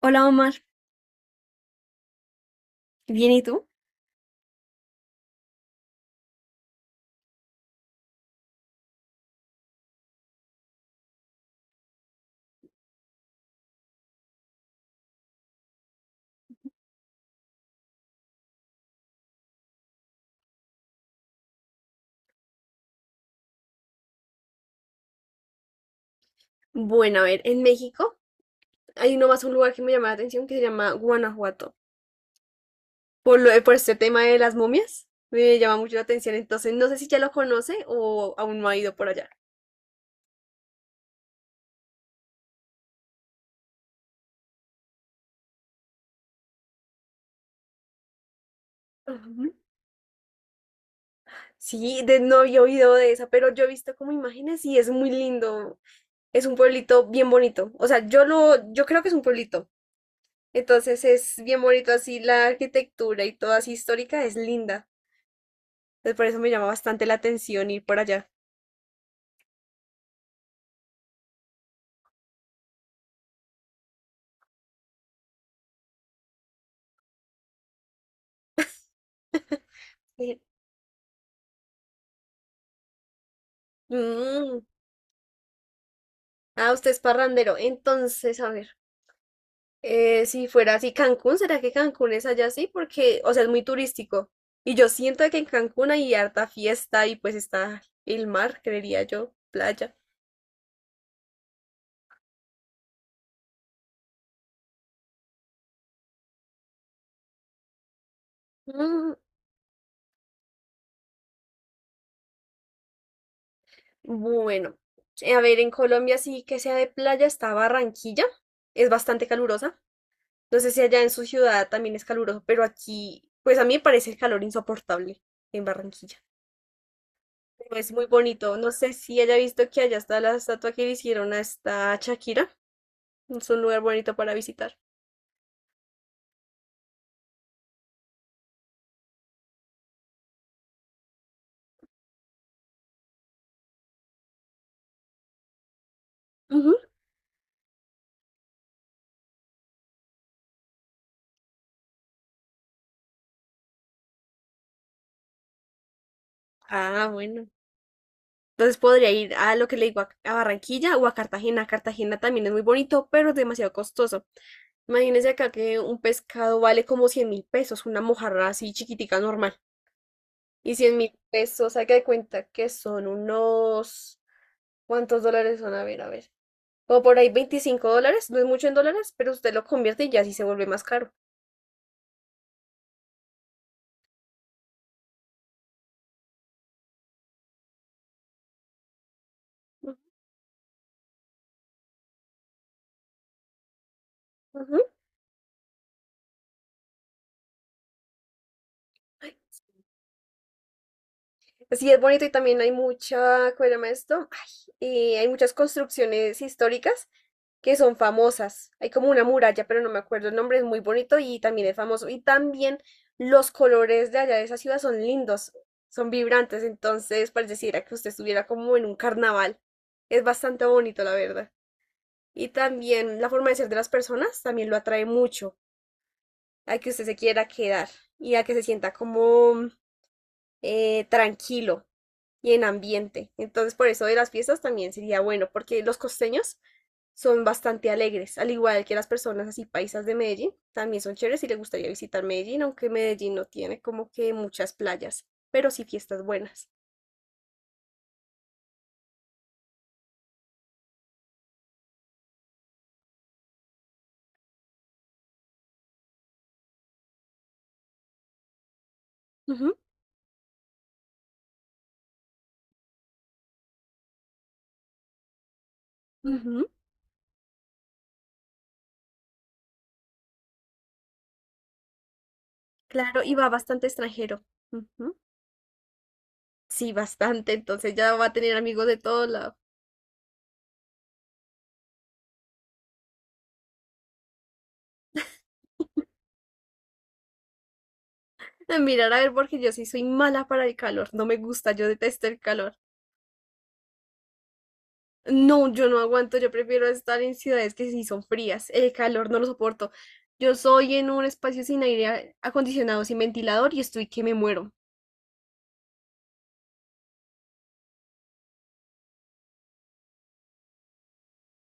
Hola Omar, ¿bien y tú? Bueno, a ver, en México hay nomás un lugar que me llama la atención que se llama Guanajuato. Por este tema de las momias, me llama mucho la atención, entonces no sé si ya lo conoce o aún no ha ido por allá. Ujú. Sí, no había oído de esa, pero yo he visto como imágenes y es muy lindo. Es un pueblito bien bonito. O sea, yo creo que es un pueblito. Entonces es bien bonito así la arquitectura y todo así histórica es linda. Entonces por eso me llama bastante la atención ir por allá. Sí. Mm. Ah, usted es parrandero. Entonces, a ver, si fuera así Cancún, ¿será que Cancún es allá así? Porque, o sea, es muy turístico. Y yo siento que en Cancún hay harta fiesta y pues está el mar, creería yo, playa. Mm, bueno, a ver, en Colombia sí que sea de playa está Barranquilla. Es bastante calurosa. No sé si allá en su ciudad también es caluroso, pero aquí, pues a mí me parece el calor insoportable en Barranquilla. Es muy bonito. No sé si haya visto que allá está la estatua que le hicieron a esta Shakira. Es un lugar bonito para visitar. Ujú. Ah, bueno. Entonces podría ir a lo que le digo, a Barranquilla o a Cartagena. Cartagena también es muy bonito, pero es demasiado costoso. Imagínense acá que un pescado vale como 100.000 pesos, una mojarra así chiquitica normal. Y 100.000 pesos, haga de cuenta que son unos... ¿Cuántos dólares son? A ver, a ver. Como por ahí 25 dólares, no es mucho en dólares, pero usted lo convierte y ya sí se vuelve más caro. Ujú. Sí, es bonito y también hay mucha, ¿cómo se llama esto? Ay, hay muchas construcciones históricas que son famosas. Hay como una muralla, pero no me acuerdo el nombre, es muy bonito y también es famoso. Y también los colores de allá de esa ciudad son lindos, son vibrantes, entonces pareciera que usted estuviera como en un carnaval. Es bastante bonito, la verdad. Y también la forma de ser de las personas también lo atrae mucho a que usted se quiera quedar y a que se sienta como tranquilo y en ambiente. Entonces, por eso de las fiestas también sería bueno, porque los costeños son bastante alegres, al igual que las personas así paisas de Medellín, también son chéveres y les gustaría visitar Medellín, aunque Medellín no tiene como que muchas playas, pero sí fiestas buenas. Ujú, ujú. Claro, y va bastante extranjero. Ujú. Sí, bastante, entonces ya va a tener amigos de todo lado. Ah, mirar a ver, porque yo sí soy mala para el calor, no me gusta, yo detesto el calor. No, yo no aguanto, yo prefiero estar en ciudades que sí son frías, el calor no lo soporto. Yo soy en un espacio sin aire acondicionado, sin ventilador y estoy que me muero.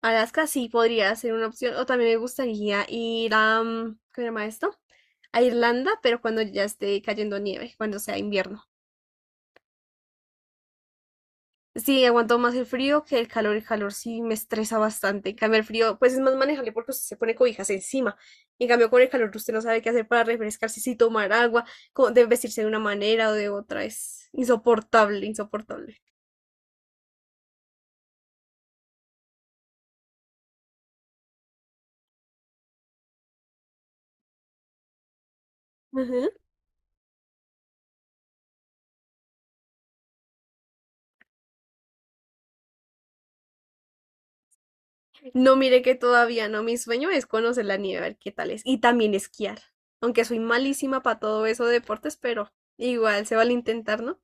Alaska sí podría ser una opción, o también me gustaría ir a, ¿cómo se llama esto? A Irlanda, pero cuando ya esté cayendo nieve, cuando sea invierno. Sí, aguanto más el frío que el calor. El calor sí me estresa bastante. En cambio, el frío, pues es más manejable porque usted se pone cobijas encima. En cambio, con el calor usted no sabe qué hacer para refrescarse, si tomar agua, cómo debe vestirse de una manera o de otra. Es insoportable, insoportable. Ujú. No, mire que todavía no. Mi sueño es conocer la nieve, a ver qué tal es. Y también esquiar. Aunque soy malísima para todo eso de deportes, pero igual se vale intentar, ¿no?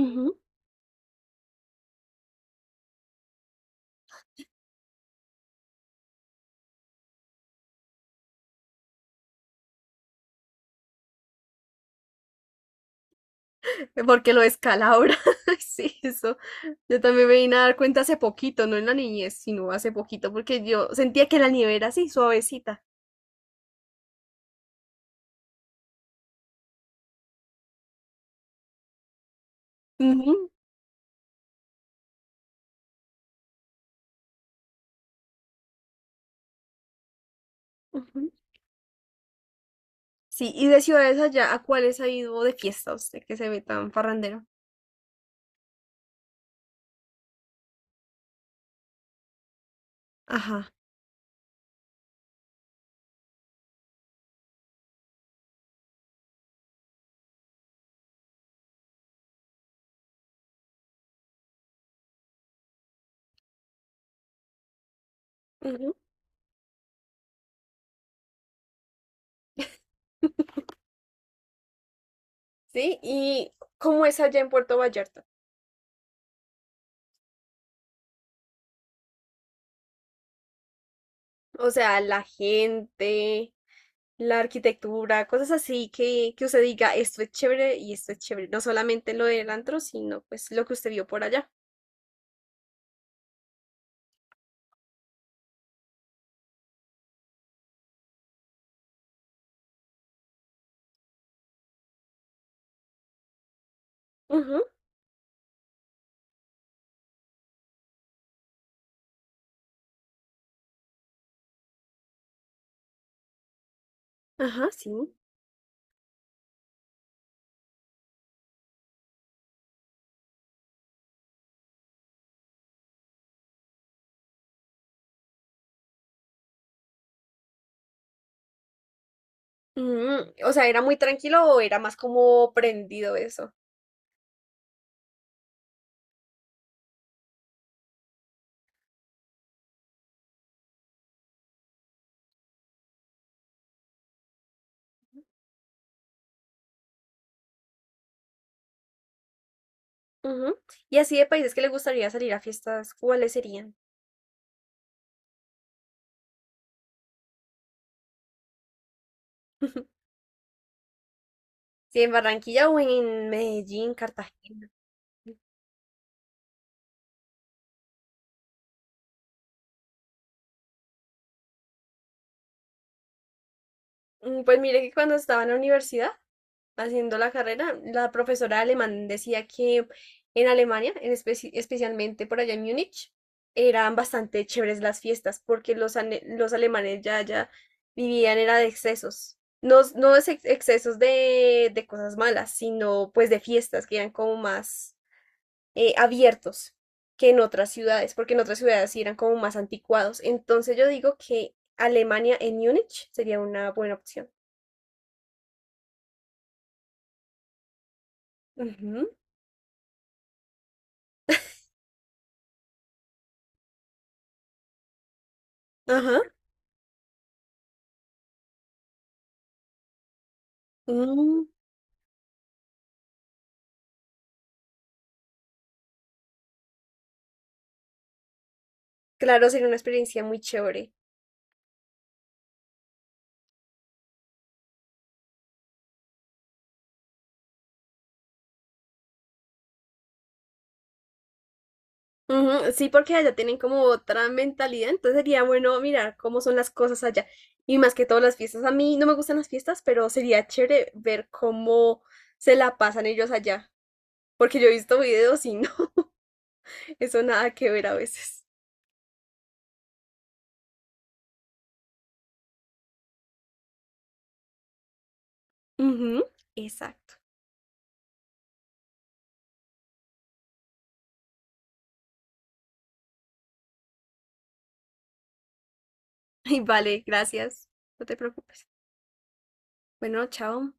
Ujú. Porque lo descalabra. Ay, sí, eso. Yo también me vine a dar cuenta hace poquito, no en la niñez, sino hace poquito, porque yo sentía que la nieve era así, suavecita. Ujú, ujú. Sí, y de ciudades allá, ¿a cuáles ha ido de fiesta usted que se ve tan farrandero? Ajá. Ujú. Sí, ¿y cómo es allá en Puerto Vallarta? O sea, la gente, la arquitectura, cosas así que usted diga, esto es chévere y esto es chévere. No solamente lo del antro, sino pues lo que usted vio por allá. Ajá, sí. Mm, o sea, ¿era muy tranquilo o era más como prendido eso? Ujú. Y así de países que le gustaría salir a fiestas, ¿cuáles serían? Si en Barranquilla o en Medellín, Cartagena. Mm, pues mire que cuando estaba en la universidad haciendo la carrera, la profesora de alemán decía que en Alemania, en especialmente por allá en Múnich, eran bastante chéveres las fiestas porque los alemanes ya vivían era de excesos. No, no es ex- excesos de cosas malas, sino pues de fiestas que eran como más abiertos que en otras ciudades, porque en otras ciudades sí eran como más anticuados. Entonces yo digo que Alemania en Múnich sería una buena opción. Ujú, ajá. Mm. Claro, sería una experiencia muy chévere. Ujú, sí, porque allá tienen como otra mentalidad, entonces sería bueno mirar cómo son las cosas allá. Y más que todo las fiestas. A mí no me gustan las fiestas, pero sería chévere ver cómo se la pasan ellos allá. Porque yo he visto videos y no, eso nada que ver a veces. Ujú, exacto. Y vale, gracias. No te preocupes. Bueno, chao.